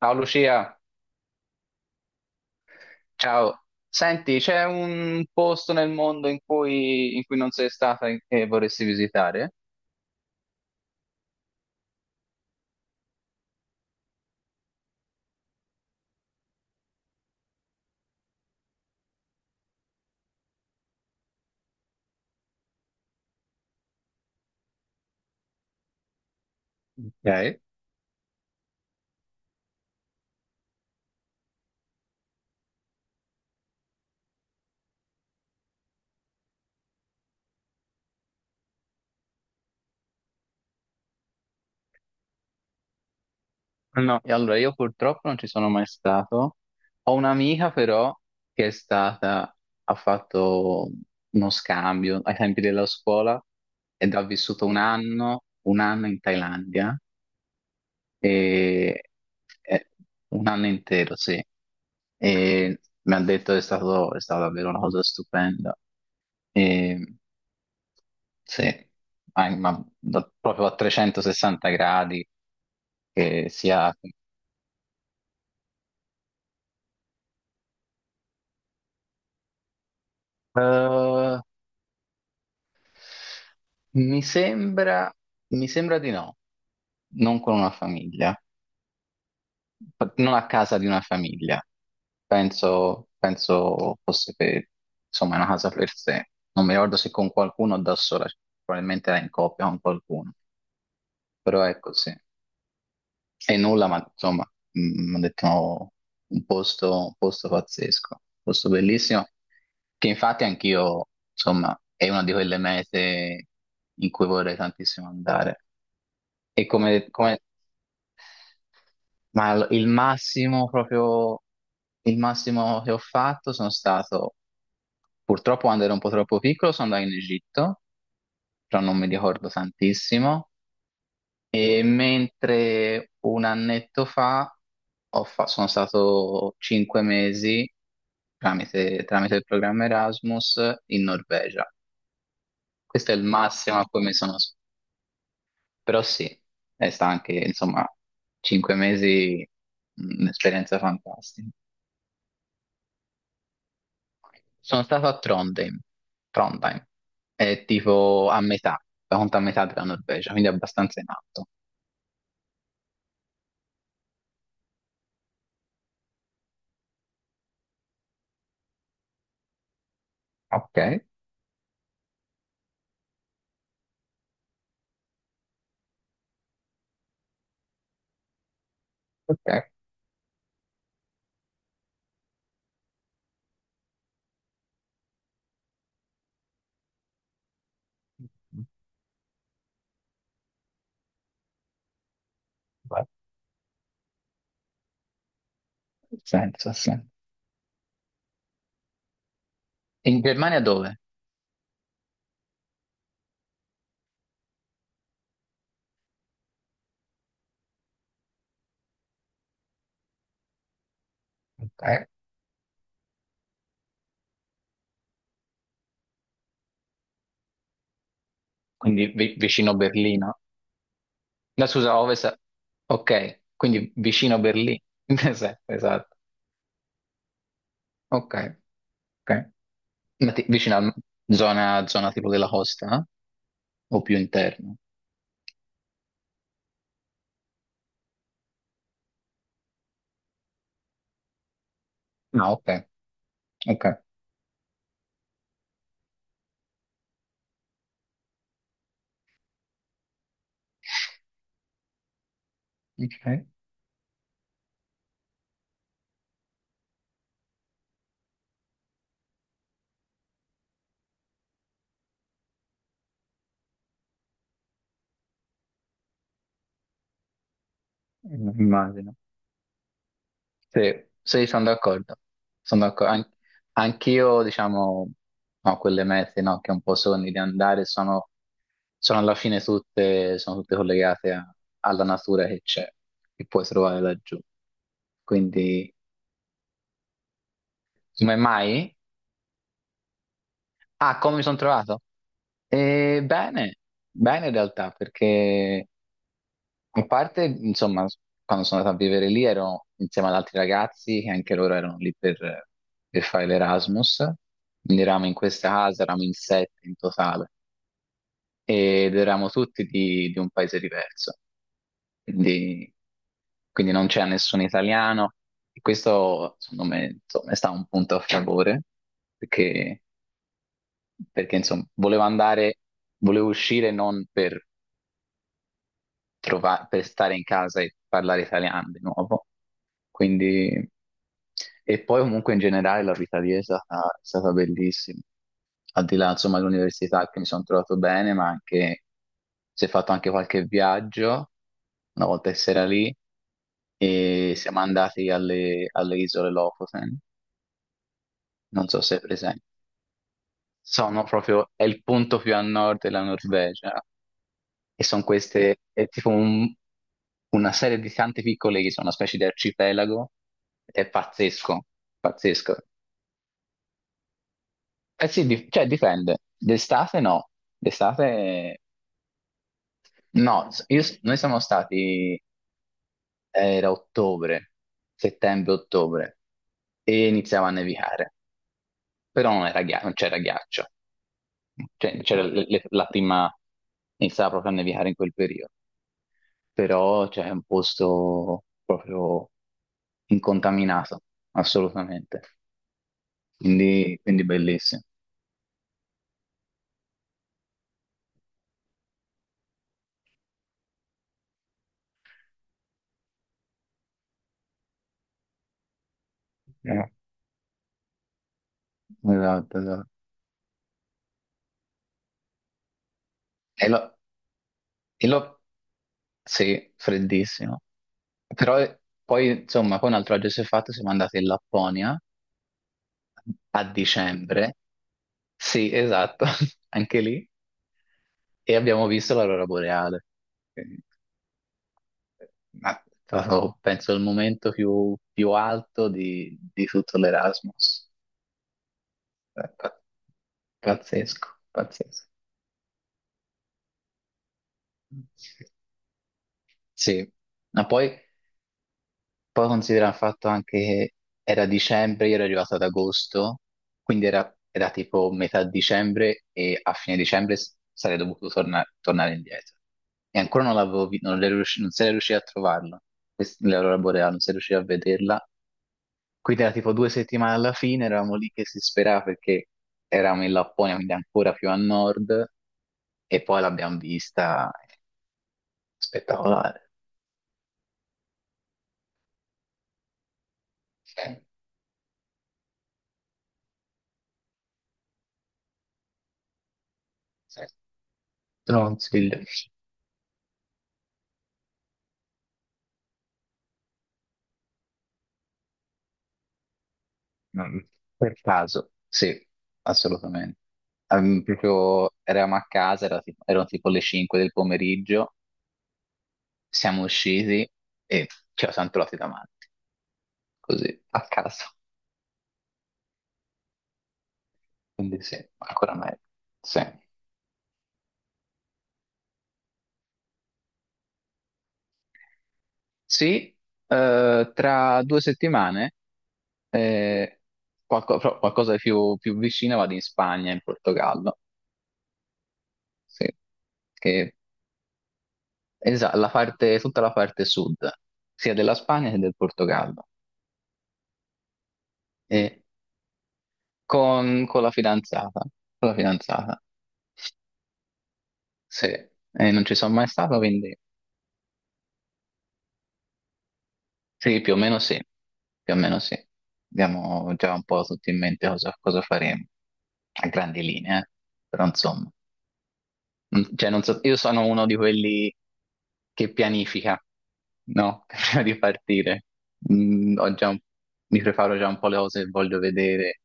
Ciao Lucia, ciao. Senti, c'è un posto nel mondo in cui, non sei stata e vorresti visitare? Ok. No, e allora io purtroppo non ci sono mai stato. Ho un'amica però che è stata, ha fatto uno scambio ai tempi della scuola ed ha vissuto un anno in Thailandia. E, eh, un anno intero, sì. E mi ha detto che è stato, è stata davvero una cosa stupenda. E, sì, ma proprio a 360 gradi, che sia... Eh, mi sembra, mi sembra di no, non con una famiglia. Non a casa di una famiglia, penso fosse per, insomma, una casa per sé. Non mi ricordo se con qualcuno o da sola, probabilmente era in coppia con qualcuno, però ecco sì. E nulla, ma insomma, mi hanno detto no, un posto pazzesco, un posto bellissimo, che infatti anch'io, insomma, è una di quelle mete in cui vorrei tantissimo andare. E come, come Ma l- il massimo proprio, il massimo che ho fatto sono stato, purtroppo quando ero un po' troppo piccolo, sono andato in Egitto, però non mi ricordo tantissimo. E mentre un annetto fa, sono stato 5 mesi tramite il programma Erasmus in Norvegia. Questo è il massimo a cui mi sono... Però sì, è sta anche, insomma, 5 mesi, un'esperienza fantastica. Sono stato a Trondheim. Trondheim è tipo a metà, la conta a metà della Norvegia, quindi abbastanza in alto. Ok, ok. Beh, ha senso, ha senso. In Germania dove? Ok. Quindi vicino Berlino. La scusa, a ovest. Ok, quindi vicino Berlino. Esatto, esatto. Ok, ok. Ma vicino a zona tipo della costa, eh? O più interno? No, ok, ok. Ok, immagino. Sì, sì, sono d'accordo. Sono d'accordo. Anch'io, diciamo, no, quelle mete, no, che un po' sogni di andare sono, alla fine tutte, sono tutte collegate alla natura che c'è, che puoi trovare laggiù. Quindi, come mai? Ah, come mi sono trovato? Bene, bene in realtà, perché a parte, insomma, quando sono andato a vivere lì ero insieme ad altri ragazzi che anche loro erano lì per, fare l'Erasmus, quindi eravamo in questa casa, eravamo in sette in totale ed eravamo tutti di un paese diverso, quindi, quindi, non c'era nessun italiano, e questo secondo me insomma, è stato un punto a favore perché, perché insomma, volevo andare, volevo uscire non per stare in casa e parlare italiano di nuovo. Quindi, e poi comunque in generale la vita lì è stata bellissima. Al di là, insomma, dell'università, che mi sono trovato bene, ma anche si è fatto anche qualche viaggio una volta che si era lì, e siamo andati alle isole Lofoten, non so se è presente. È il punto più a nord della Norvegia. E sono queste, è tipo una serie di tante piccole che sono una specie di arcipelago, ed è pazzesco, pazzesco. Eh sì, cioè dipende, d'estate no, d'estate no. Noi siamo stati, era ottobre, settembre-ottobre, e iniziava a nevicare, però non era ghiaccio, non c'era ghiaccio, cioè c'era la prima, iniziava proprio a nevicare in quel periodo. Però cioè, è un posto proprio incontaminato, assolutamente. Quindi bellissimo. Eh, Esatto, esatto. E lo, e lo- sì, freddissimo. Però insomma, poi un altro viaggio si è fatto, siamo andati in Lapponia a dicembre. Sì, esatto, anche lì. E abbiamo visto l'aurora boreale. Quindi, eh, Ma è stato, penso, il momento più alto di tutto l'Erasmus. Eh, pa- Pazzesco, pazzesco. Sì, ma poi considera il fatto anche che era dicembre, io ero arrivato ad agosto, quindi era tipo metà dicembre, e a fine dicembre sarei dovuto tornare indietro. E ancora non l'avevo non, non sarei riuscito a trovarlo, l'aurora boreale, non sarei riuscito a vederla. Quindi era tipo 2 settimane alla fine, eravamo lì che si sperava, perché eravamo in Lapponia, quindi ancora più a nord, e poi l'abbiamo vista spettacolare. Te lo consiglio. Mm, Per caso, sì, assolutamente. Proprio eravamo a casa, erano tipo le 5 del pomeriggio, siamo usciti e ci siamo trovati davanti, così, a caso. Quindi sì, ancora meglio. Sì. Sì, tra 2 settimane, eh, però qualcosa di più, vicino, vado in Spagna, in Portogallo, sì. Che, tutta la parte sud, sia della Spagna che del Portogallo. E con, con la fidanzata, con la fidanzata, sì. E non ci sono mai stato, quindi sì, più o meno sì, più o meno sì. Abbiamo già un po' tutti in mente cosa faremo, a grandi linee, eh. Però insomma. Cioè, non so, io sono uno di quelli che pianifica, no? Prima di partire. Mm, ho già un- Mi preparo già un po' le cose che voglio vedere,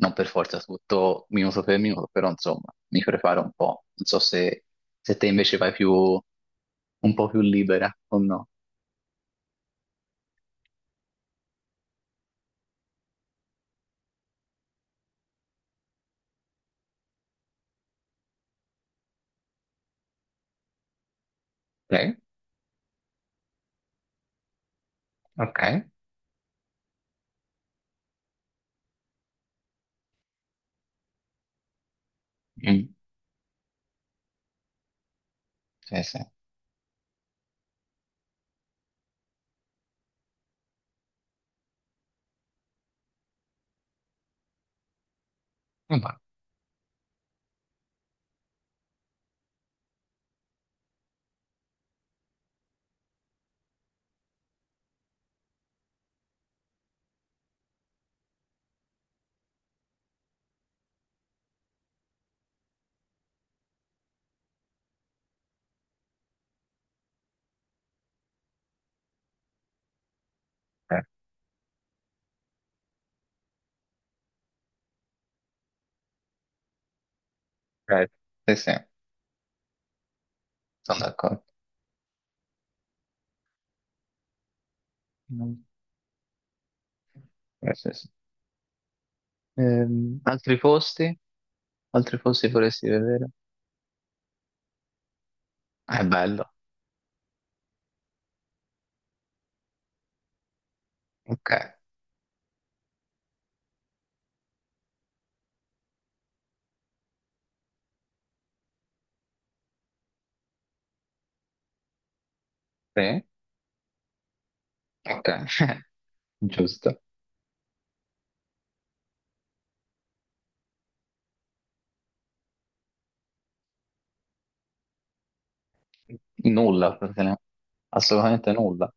non per forza tutto minuto per minuto, però insomma, mi preparo un po'. Non so se, te invece vai un po' più libera o no. Sì, ok. Mm, sì, sì. Vabbè, ok, ok. Sì, sì, sono d'accordo. Mm, sì, sì, sì. Altri posti? Altri posti vorresti vedere? Ah, è bello. Ok, sì, ok, giusto. Nulla, praticamente. Assolutamente nulla.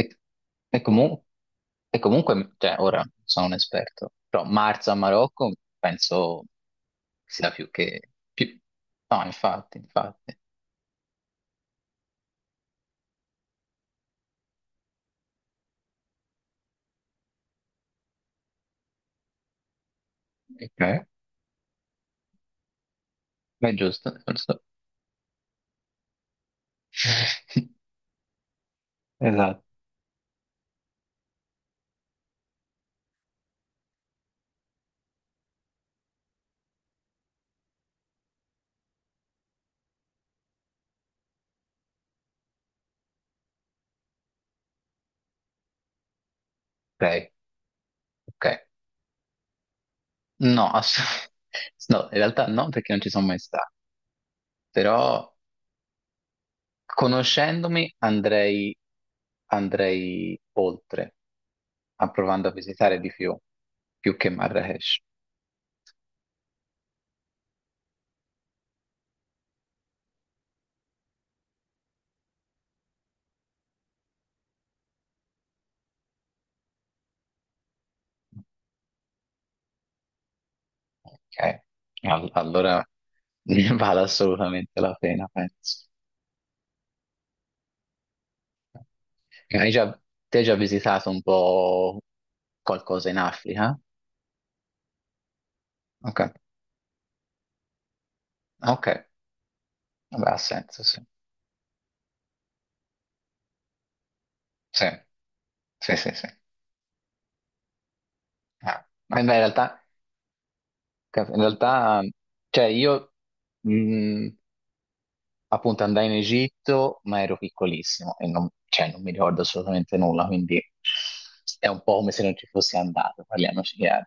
E, e comu- e comunque, cioè, ora non sono un esperto, però marzo a Marocco, penso sia più che... Più... No, infatti, infatti. Ok, è giusto, è giusto. Esatto. Ok, ok. No, no, in realtà no, perché non ci sono mai stato, però conoscendomi andrei, oltre, provando a visitare di più, più che Marrakesh. Ok, allora ne vale assolutamente la pena, penso. Ok, te hai già visitato un po' qualcosa in Africa? Ok, ok, vabbè, ha senso, sì. Sì, sì, sì, sì. Ah. Ma in realtà, cioè io... mm, appunto andai in Egitto, ma ero piccolissimo e non, cioè, non mi ricordo assolutamente nulla, quindi è un po' come se non ci fossi andato, parliamoci chiaro,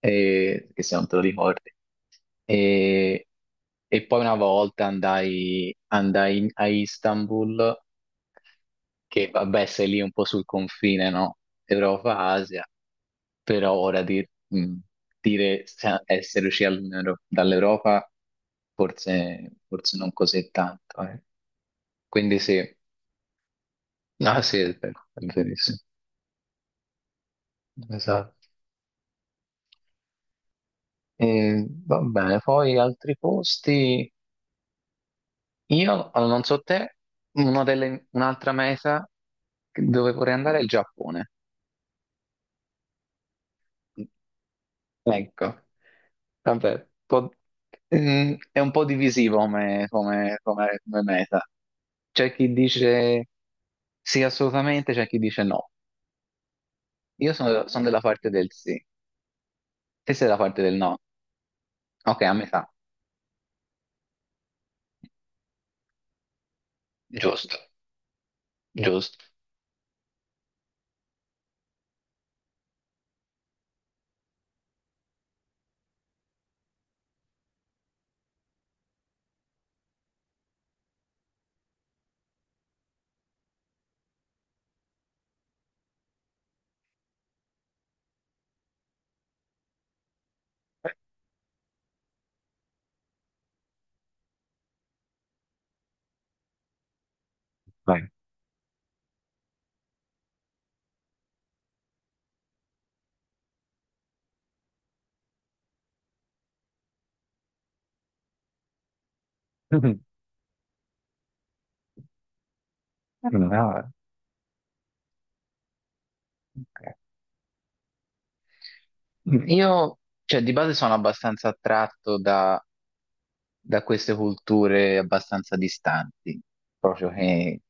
e, che se non te lo ricordi. E, e poi una volta andai a Istanbul, che vabbè, sei lì un po' sul confine, no? Europa-Asia, però ora dire essere usciti dall'Europa, forse non così tanto, eh. Quindi sì, ah sì, è vero, è verissimo. Esatto. E, va bene, poi altri posti. Io, allora, non so te, un'altra meta dove vorrei andare è il Giappone. Ecco, vabbè, è un po' divisivo come meta. C'è chi dice sì assolutamente, c'è chi dice no. Io sono della parte del sì, te sei della parte del no. Ok, a metà. Giusto, giusto. Vai. No, io, cioè, di base sono abbastanza attratto da queste culture abbastanza distanti, proprio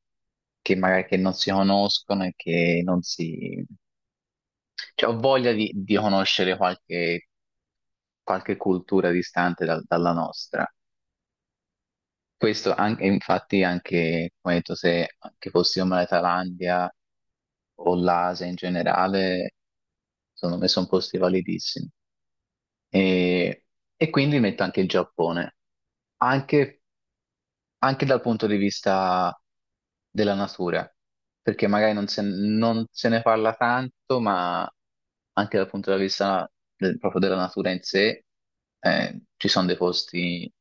che magari che non si conoscono e che non si... Cioè, ho voglia di conoscere qualche cultura distante dalla nostra. Questo anche, infatti anche, come hai detto, se anche fossimo la Thailandia o l'Asia in generale, secondo me sono posti validissimi. E, e quindi metto anche il Giappone, anche anche dal punto di vista della natura, perché magari non se ne parla tanto, ma anche dal punto di vista proprio della natura in sé, ci sono dei posti,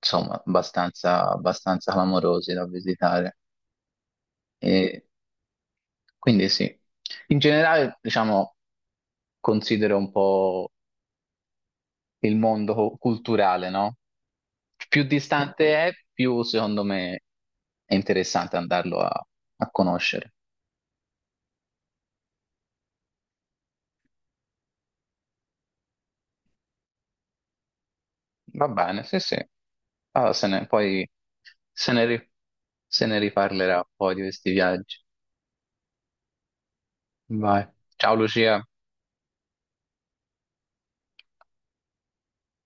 insomma, abbastanza clamorosi da visitare. E quindi sì, in generale, diciamo, considero un po' il mondo culturale, no? Più distante è, più secondo me è interessante andarlo a conoscere. Va bene, sì, sì. Ah, se ne, poi se ne, ri- se ne riparlerà un po' di questi viaggi. Vai. Ciao Lucia.